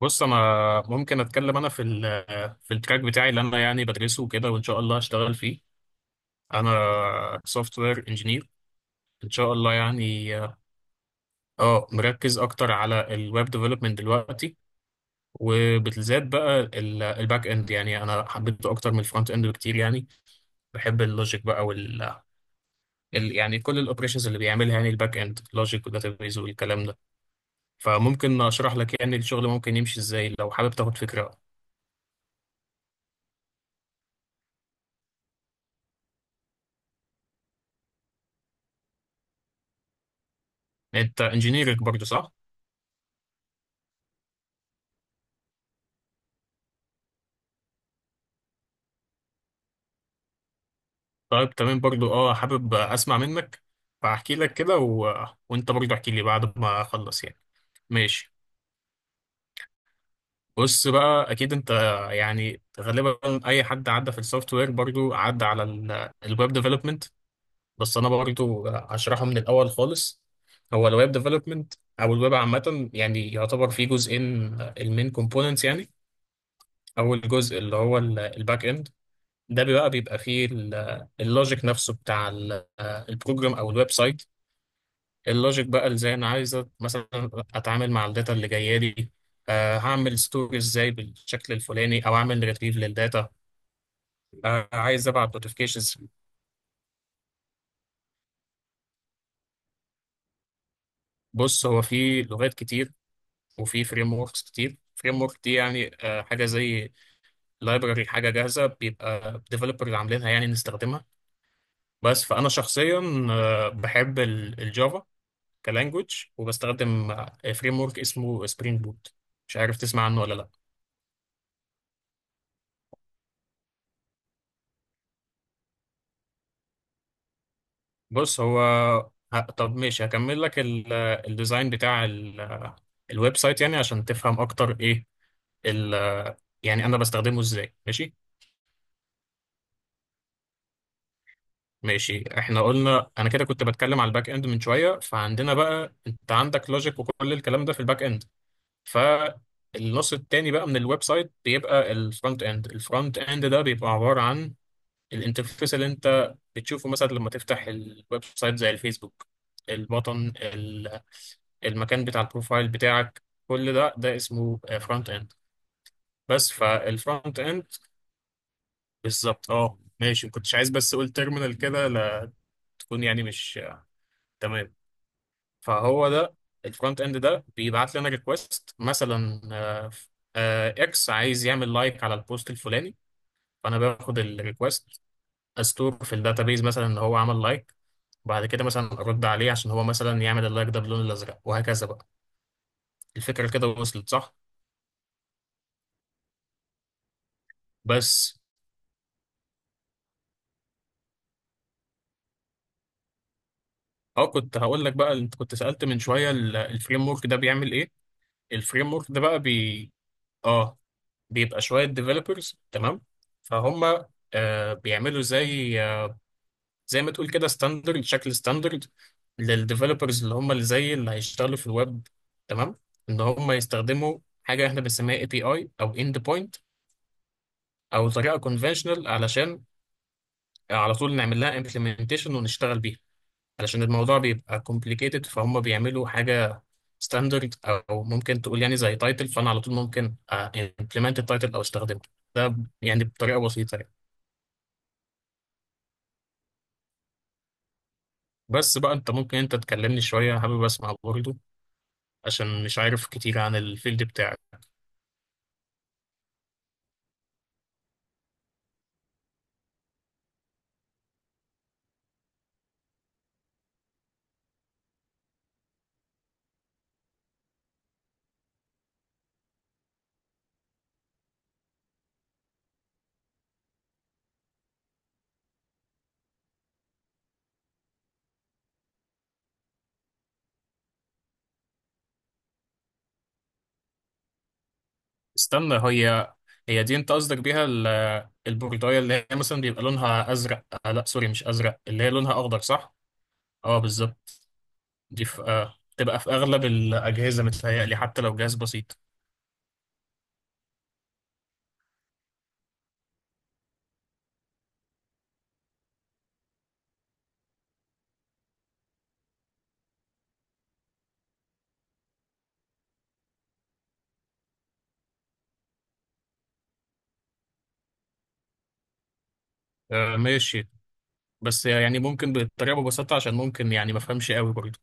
بص، انا ممكن اتكلم في التراك بتاعي اللي انا يعني بدرسه وكده، وان شاء الله هشتغل فيه. انا سوفت وير انجينير، ان شاء الله يعني. اه مركز اكتر على الويب ديفلوبمنت دلوقتي، وبالذات بقى الباك اند، يعني انا حبيته اكتر من الفرونت اند بكتير يعني. بحب اللوجيك بقى، وال ال- يعني كل الاوبريشنز اللي بيعملها يعني، الباك اند لوجيك وداتابيز والكلام ده. فممكن اشرح لك يعني الشغل ممكن يمشي ازاي، لو حابب تاخد فكرة. انت انجينيرك برضه صح؟ طيب تمام، برضو اه حابب اسمع منك، فاحكي لك كده، وانت برضو احكي لي بعد ما اخلص يعني. ماشي. بص بقى، اكيد انت يعني غالبا اي حد عدى في السوفت وير برضو عدى على الويب ديفلوبمنت، بس انا برضو هشرحه من الاول خالص. هو الويب ديفلوبمنت او الويب عامه يعني يعتبر فيه جزئين، المين كومبوننتس يعني. اول جزء اللي هو الباك اند. ده بقى بيبقى فيه اللوجيك نفسه بتاع البروجرام او الويب سايت. اللوجيك بقى ازاي انا عايز مثلا اتعامل مع الداتا اللي جايه لي، آه هعمل ستوري ازاي بالشكل الفلاني، او اعمل ريتريف للداتا، عايز ابعت نوتيفيكيشنز. بص هو في لغات كتير، وفي فريم وركس كتير. فريم ورك دي يعني حاجه زي لايبراري، حاجه جاهزه بيبقى ديفلوبر اللي عاملينها يعني نستخدمها. بس فانا شخصيا بحب الجافا كلانجوج، وبستخدم فريم ورك اسمه سبرينج بوت، مش عارف تسمع عنه ولا لا. بص هو طب ماشي، هكمل لك الديزاين بتاع الويب سايت يعني عشان تفهم اكتر ايه ال يعني انا بستخدمه ازاي. ماشي. ماشي، احنا قلنا انا كده كنت بتكلم على الباك اند من شويه. فعندنا بقى، انت عندك لوجيك وكل الكلام ده في الباك اند. فالنص التاني بقى من الويب سايت بيبقى الفرونت اند. الفرونت اند ده بيبقى عباره عن الانترفيس اللي انت بتشوفه مثلا لما تفتح الويب سايت زي الفيسبوك، البطن، المكان بتاع البروفايل بتاعك، كل ده اسمه فرونت اند. بس فالفرونت اند بالظبط، اه ماشي، ما كنتش عايز بس اقول تيرمينال كده، لا تكون يعني مش تمام. فهو ده الفرونت اند، ده بيبعت لنا ريكوست مثلا، اكس عايز يعمل لايك على البوست الفلاني، فانا باخد الريكوست، استور في الداتابيز مثلا ان هو عمل لايك، وبعد كده مثلا ارد عليه عشان هو مثلا يعمل اللايك ده باللون الازرق، وهكذا بقى. الفكره كده وصلت صح؟ بس اه كنت هقول لك بقى، انت كنت سألت من شوية الفريم ورك ده بيعمل ايه. الفريم ورك ده بقى بي اه بيبقى شوية ديفلوبرز، تمام، فهم بيعملوا زي زي ما تقول كده ستاندرد، شكل ستاندرد للديفلوبرز اللي هم اللي زي اللي هيشتغلوا في الويب، تمام، ان هم يستخدموا حاجة احنا بنسميها اي بي اي او اند بوينت، او طريقة كونفشنال، علشان على طول نعمل لها امبلمنتيشن ونشتغل بيها. علشان الموضوع بيبقى complicated، فهم بيعملوا حاجة ستاندرد، أو ممكن تقول يعني زي تايتل، فأنا على طول ممكن implement التايتل أو استخدمه، ده يعني بطريقة بسيطة يعني. بس بقى أنت، ممكن أنت تكلمني شوية، حابب أسمع برضه، عشان مش عارف كتير عن الفيلد بتاعك. استنى، هي دي أنت قصدك بيها البورداية اللي هي مثلا بيبقى لونها أزرق، آه لا سوري مش أزرق، اللي هي لونها أخضر صح؟ أه بالظبط، دي في تبقى في أغلب الأجهزة متهيألي حتى لو جهاز بسيط. ماشي، بس يعني ممكن بطريقة ببساطة عشان ممكن يعني ما افهمش قوي برضه.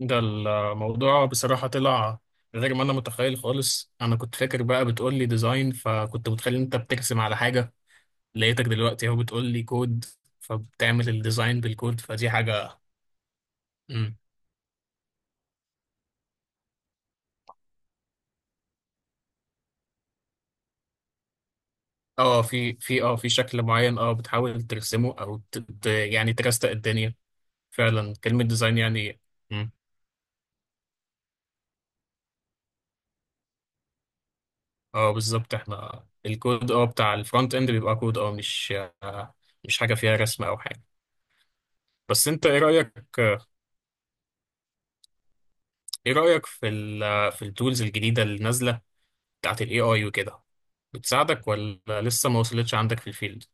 ده الموضوع بصراحة طلع غير ما انا متخيل خالص. انا كنت فاكر بقى بتقول لي ديزاين، فكنت متخيل إن انت بترسم على حاجة، لقيتك دلوقتي اهو بتقول لي كود، فبتعمل الديزاين بالكود، فدي حاجة. مم. اه في شكل معين، اه بتحاول ترسمه او يعني ترستق الدنيا، فعلا كلمة ديزاين يعني. مم. اه بالظبط، احنا الكود اه بتاع الفرونت اند بيبقى كود اه مش آه، مش حاجة فيها رسم او حاجة. بس انت ايه رأيك، ايه رأيك في التولز الجديدة اللي نازلة بتاعت الاي اي وكده، بتساعدك ولا لسه ما وصلتش عندك في الفيلد؟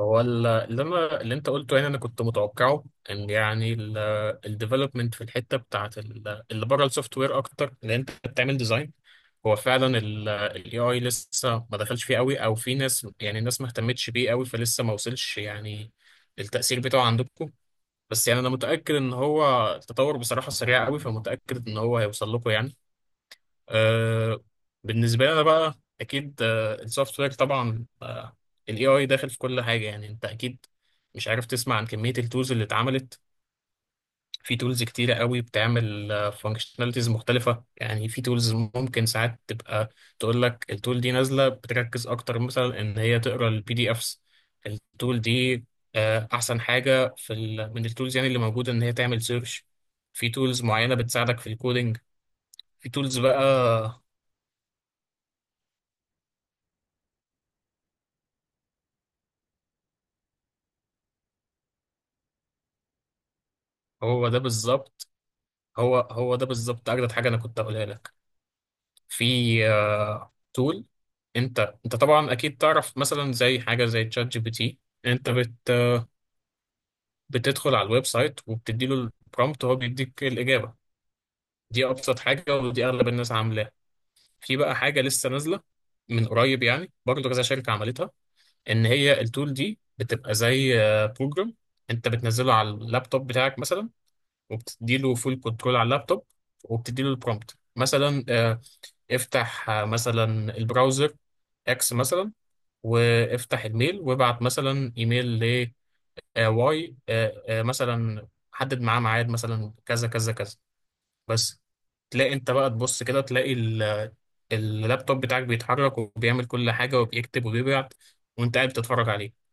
هو اللي اللي انت قلته هنا انا كنت متوقعه، ان يعني الديفلوبمنت في الحتة بتاعت اللي بره السوفت وير اكتر، اللي انت بتعمل ديزاين، هو فعلا الاي اي لسه ما دخلش فيه قوي، او في ناس يعني الناس ما اهتمتش بيه قوي، فلسه ما وصلش يعني التأثير بتاعه عندكم. بس يعني انا متاكد ان هو التطور بصراحه سريع قوي، فمتاكد ان هو هيوصل لكم يعني. أه، بالنسبه لي انا بقى، اكيد آه السوفت وير طبعا الاي اي داخل في كل حاجه. يعني انت اكيد مش عارف تسمع عن كميه التولز اللي اتعملت. في تولز كتيرة قوي بتعمل فانكشناليتيز مختلفة. يعني في تولز ممكن ساعات تبقى تقول لك التول دي نازلة بتركز أكتر مثلا إن هي تقرا البي دي إفس، التول دي أحسن حاجة في ال من التولز يعني اللي موجودة إن هي تعمل سيرش. في تولز معينة بتساعدك في الكودينج. في تولز بقى، هو ده بالظبط هو ده بالظبط أجدد حاجة أنا كنت أقولها لك. في تول، انت طبعا اكيد تعرف مثلا زي حاجه زي تشات جي بي تي. انت بت بتدخل على الويب سايت وبتدي له البرومبت، وهو بيديك الإجابة. دي أبسط حاجة، ودي أغلب الناس عاملاها. في بقى حاجة لسه نازلة من قريب، يعني برضه كذا شركة عملتها، إن هي التول دي بتبقى زي بروجرام أنت بتنزله على اللابتوب بتاعك مثلا، وبتدي له فول كنترول على اللابتوب، وبتدي له البرومبت مثلا، افتح مثلا البراوزر اكس مثلا، وافتح الميل وابعت مثلا ايميل، آه واي آه آه مثلا حدد معاه ميعاد مثلا كذا كذا كذا. بس تلاقي انت بقى تبص كده، تلاقي اللابتوب بتاعك بيتحرك وبيعمل كل حاجة وبيكتب وبيبعت، وانت قاعد بتتفرج عليه.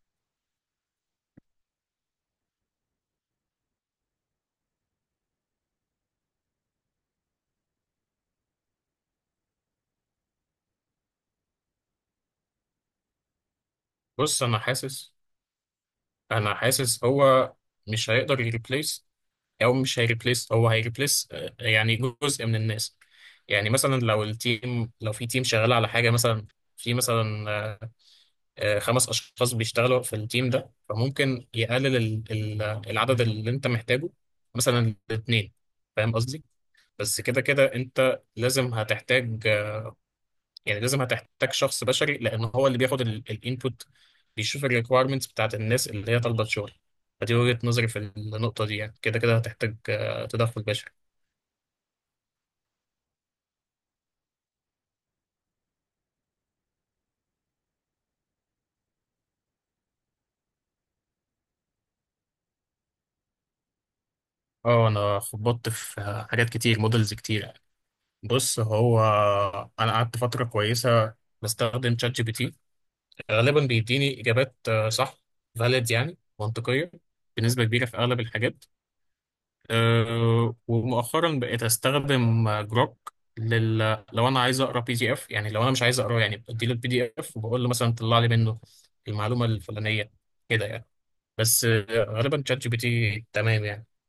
بص، انا حاسس هو مش هيقدر يريبليس، او مش هيريبليس، هو هيريبليس يعني جزء من الناس. يعني مثلا لو التيم، لو في تيم شغال على حاجة مثلا، في مثلا خمس اشخاص بيشتغلوا في التيم ده، فممكن يقلل العدد اللي انت محتاجه مثلا لاثنين، فاهم قصدي. بس كده كده انت لازم هتحتاج يعني لازم هتحتاج شخص بشري، لان هو اللي بياخد الانبوت، بيشوف الريكويرمنتس بتاعت الناس اللي هي طالبه شغل. فدي وجهة نظري في النقطة دي، يعني كده كده هتحتاج تدخل بشري. اه انا خبطت في حاجات كتير، مودلز كتير. بص هو، انا قعدت فترة كويسة بستخدم شات جي بي تي، غالبا بيديني اجابات صح، فاليد يعني منطقيه بنسبه كبيره في اغلب الحاجات. أه، ومؤخرا بقيت استخدم جروك لل... لو انا عايز اقرا بي دي اف، يعني لو انا مش عايز اقراه، يعني بدي له البي دي اف وبقول له مثلا طلع لي منه المعلومه الفلانيه، كده يعني. بس غالبا شات جي بي تي تمام يعني.